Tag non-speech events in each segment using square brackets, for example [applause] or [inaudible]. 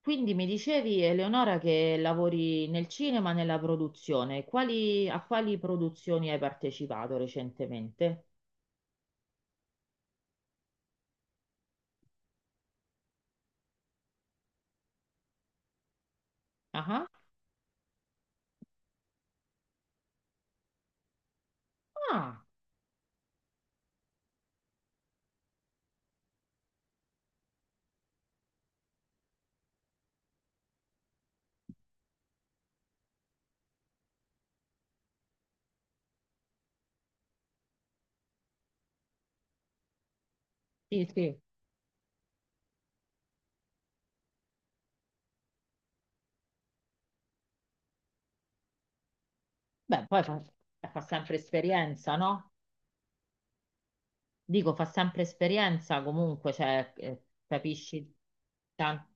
Quindi mi dicevi, Eleonora, che lavori nel cinema, nella produzione. A quali produzioni hai partecipato recentemente? Ah, ah, sì, sì. Beh, poi fa sempre esperienza, no? Dico, fa sempre esperienza comunque, cioè, capisci tanto.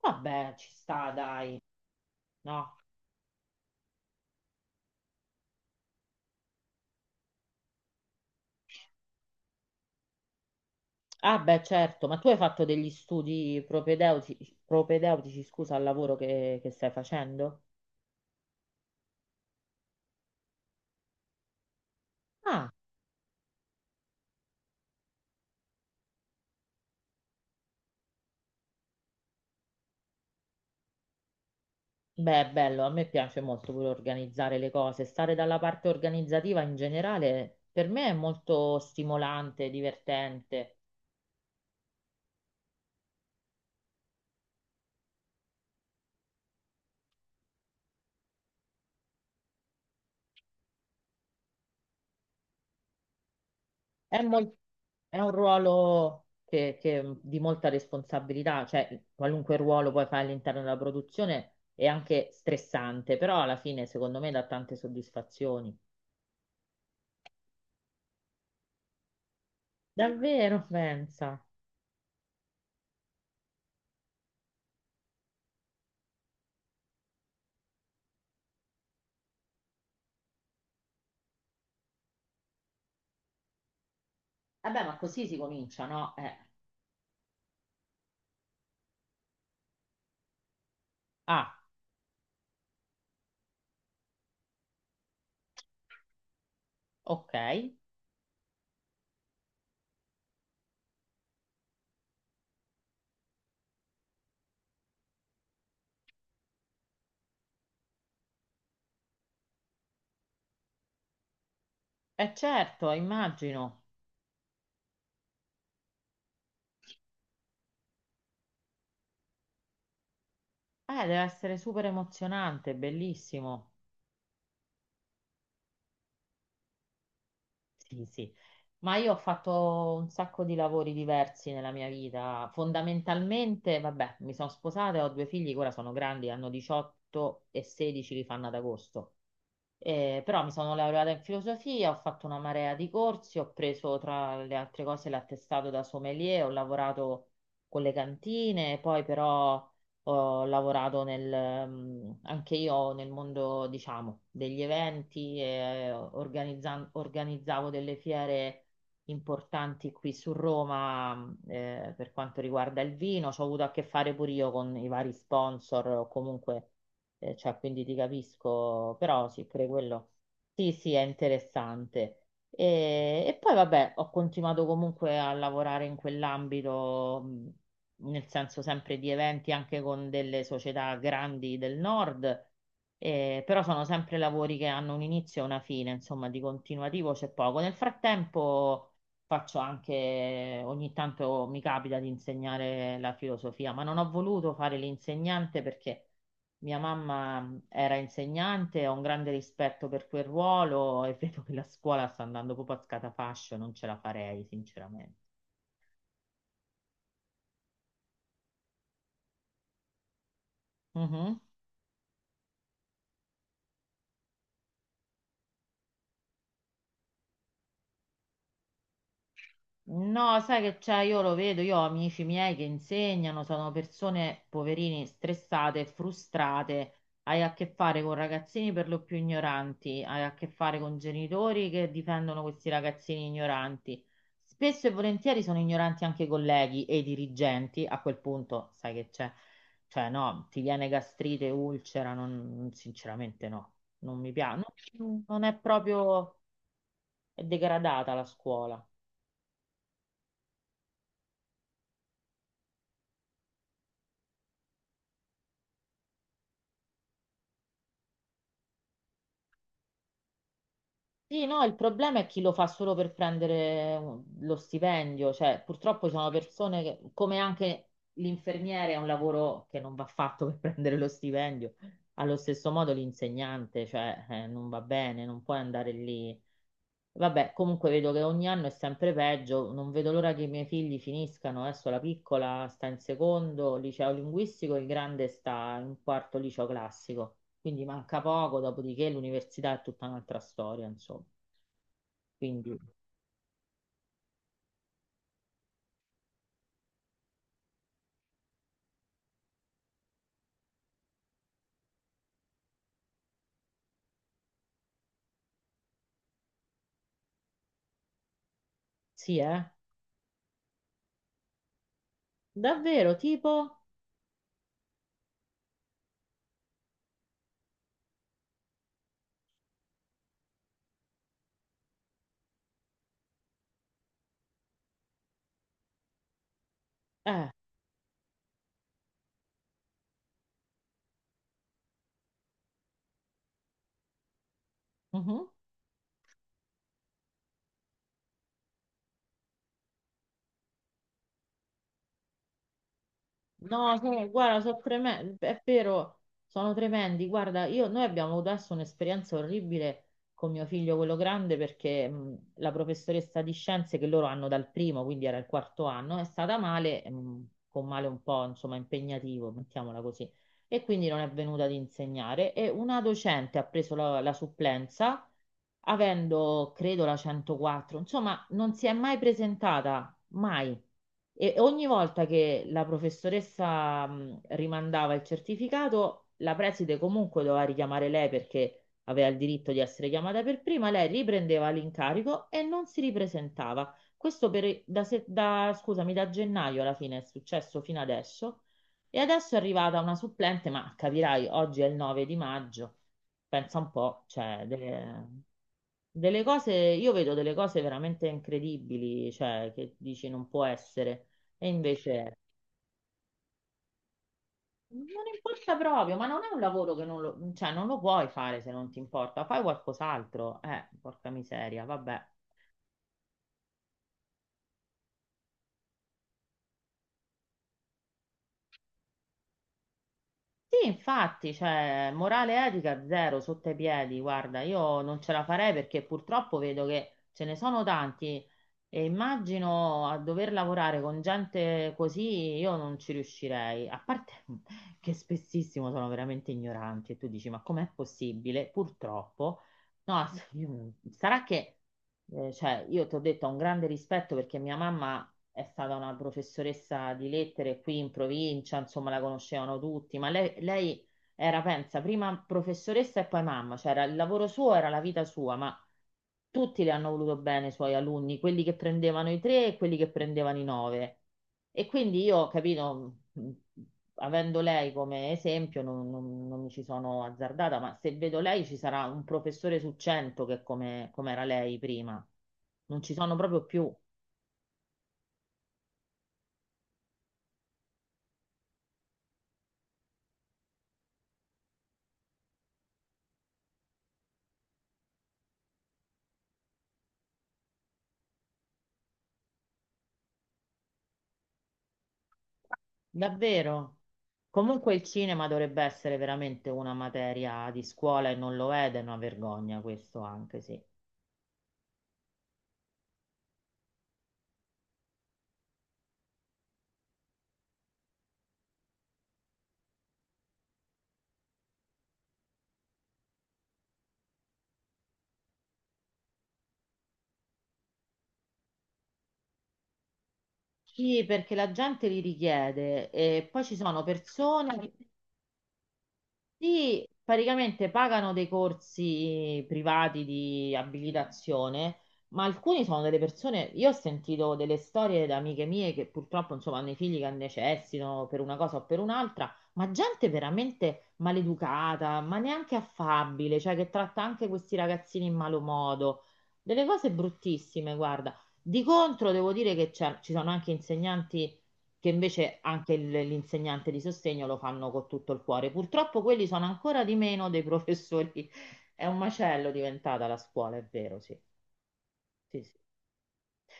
Vabbè, ci sta, dai, no? Ah, beh, certo, ma tu hai fatto degli studi propedeutici, scusa, al lavoro che stai facendo? Ah, beh, è bello, a me piace molto pure organizzare le cose, stare dalla parte organizzativa in generale per me è molto stimolante, divertente, è, mol- è un ruolo di molta responsabilità, cioè qualunque ruolo puoi fare all'interno della produzione è anche stressante, però alla fine secondo me dà tante soddisfazioni. Davvero, pensa. Vabbè, ma così si comincia, no? Ah, ok. Eh certo, immagino. Deve essere super emozionante, bellissimo. Sì, sì. Ma io ho fatto un sacco di lavori diversi nella mia vita. Fondamentalmente, vabbè, mi sono sposata e ho due figli che ora sono grandi, hanno 18 e 16, li fanno ad agosto. Però mi sono laureata in filosofia, ho fatto una marea di corsi, ho preso tra le altre cose l'attestato da sommelier, ho lavorato con le cantine, poi però ho lavorato anche io nel mondo, diciamo, degli eventi, organizzavo delle fiere importanti qui su Roma, per quanto riguarda il vino, ci ho avuto a che fare pure io con i vari sponsor o comunque cioè, quindi ti capisco, però sì, pure quello. Sì, sì, è interessante. E poi vabbè, ho continuato comunque a lavorare in quell'ambito, nel senso sempre di eventi anche con delle società grandi del nord, però sono sempre lavori che hanno un inizio e una fine, insomma, di continuativo c'è poco. Nel frattempo faccio anche, ogni tanto mi capita di insegnare la filosofia, ma non ho voluto fare l'insegnante perché mia mamma era insegnante, ho un grande rispetto per quel ruolo e [laughs] vedo che la scuola sta andando proprio a scatafascio, non ce la farei, sinceramente. Mhm. No, sai che c'è, io lo vedo, io ho amici miei che insegnano, sono persone poverini, stressate, frustrate, hai a che fare con ragazzini per lo più ignoranti, hai a che fare con genitori che difendono questi ragazzini ignoranti. Spesso e volentieri sono ignoranti anche i colleghi e i dirigenti, a quel punto sai che c'è, cioè no, ti viene gastrite, ulcera, non, sinceramente no, non mi piace, non è proprio, è degradata la scuola. Sì, no, il problema è chi lo fa solo per prendere lo stipendio, cioè purtroppo ci sono persone che, come anche l'infermiere è un lavoro che non va fatto per [laughs] prendere lo stipendio, allo stesso modo l'insegnante, cioè non va bene, non puoi andare lì. Vabbè, comunque vedo che ogni anno è sempre peggio, non vedo l'ora che i miei figli finiscano, adesso la piccola sta in secondo liceo linguistico, il grande sta in quarto liceo classico, quindi manca poco, dopodiché l'università è tutta un'altra storia, insomma. Quindi sì, eh? Davvero, tipo. Eh, mhm. No, guarda, sono tremendi, è vero, sono tremendi. Guarda, noi abbiamo avuto adesso un'esperienza orribile con mio figlio, quello grande, perché la professoressa di scienze che loro hanno dal primo, quindi era il quarto anno, è stata male, con male un po', insomma, impegnativo, mettiamola così, e quindi non è venuta ad insegnare. E una docente ha preso la supplenza, avendo, credo, la 104, insomma, non si è mai presentata, mai. E ogni volta che la professoressa rimandava il certificato, la preside comunque doveva richiamare lei perché aveva il diritto di essere chiamata per prima, lei riprendeva l'incarico e non si ripresentava. Questo per- da, se- da- scusami, da gennaio alla fine è successo fino adesso. E adesso è arrivata una supplente, ma capirai, oggi è il 9 di maggio, pensa un po', cioè, delle cose, io vedo delle cose veramente incredibili, cioè che dici non può essere, e invece è. Non importa proprio, ma non è un lavoro che non lo, cioè, non lo puoi fare se non ti importa, fai qualcos'altro, porca miseria, vabbè. Sì, infatti, cioè, morale e etica zero sotto i piedi, guarda, io non ce la farei perché purtroppo vedo che ce ne sono tanti e immagino a dover lavorare con gente così io non ci riuscirei, a parte [laughs] che spessissimo sono veramente ignoranti e tu dici, ma com'è possibile? Purtroppo. No, sarà che, cioè, io ti ho detto, ho un grande rispetto perché mia mamma è stata una professoressa di lettere qui in provincia, insomma, la conoscevano tutti, ma lei era, pensa, prima professoressa e poi mamma, cioè il lavoro suo era la vita sua, ma tutti le hanno voluto bene i suoi alunni, quelli che prendevano i tre e quelli che prendevano i nove. E quindi io, capito, avendo lei come esempio, non mi ci sono azzardata, ma se vedo lei ci sarà un professore su 100 che è come era lei prima. Non ci sono proprio più, davvero. Comunque il cinema dovrebbe essere veramente una materia di scuola e non lo è ed è una vergogna questo anche, sì. Sì, perché la gente li richiede e poi ci sono persone che sì, praticamente pagano dei corsi privati di abilitazione, ma alcuni sono delle persone, io ho sentito delle storie da amiche mie che purtroppo insomma hanno i figli che necessitano per una cosa o per un'altra, ma gente veramente maleducata, ma neanche affabile, cioè che tratta anche questi ragazzini in malo modo, delle cose bruttissime, guarda. Di contro devo dire che ci sono anche insegnanti che invece anche l'insegnante di sostegno lo fanno con tutto il cuore. Purtroppo quelli sono ancora di meno dei professori. [laughs] È un macello diventata la scuola, è vero, sì. Sì, sì.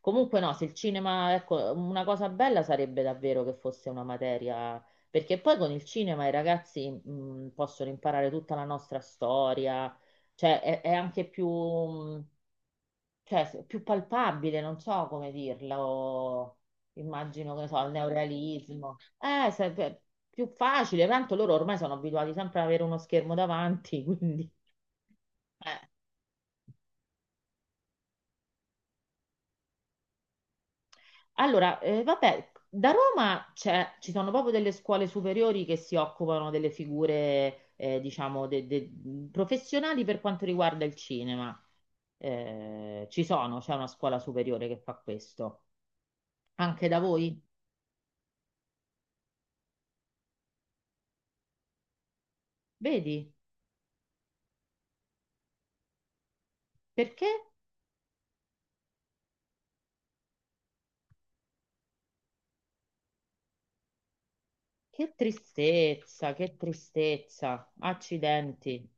Comunque no, se il cinema, ecco, una cosa bella sarebbe davvero che fosse una materia, perché poi con il cinema i ragazzi possono imparare tutta la nostra storia, cioè è anche più, cioè, più palpabile, non so come dirlo, immagino, che ne so, il neorealismo. Più facile, tanto loro ormai sono abituati sempre ad avere uno schermo davanti, [laughs] quindi, eh. Allora, vabbè, da Roma ci sono proprio delle scuole superiori che si occupano delle figure, diciamo, professionali per quanto riguarda il cinema. C'è una scuola superiore che fa questo. Anche da voi? Vedi? Perché? Che tristezza, che tristezza. Accidenti.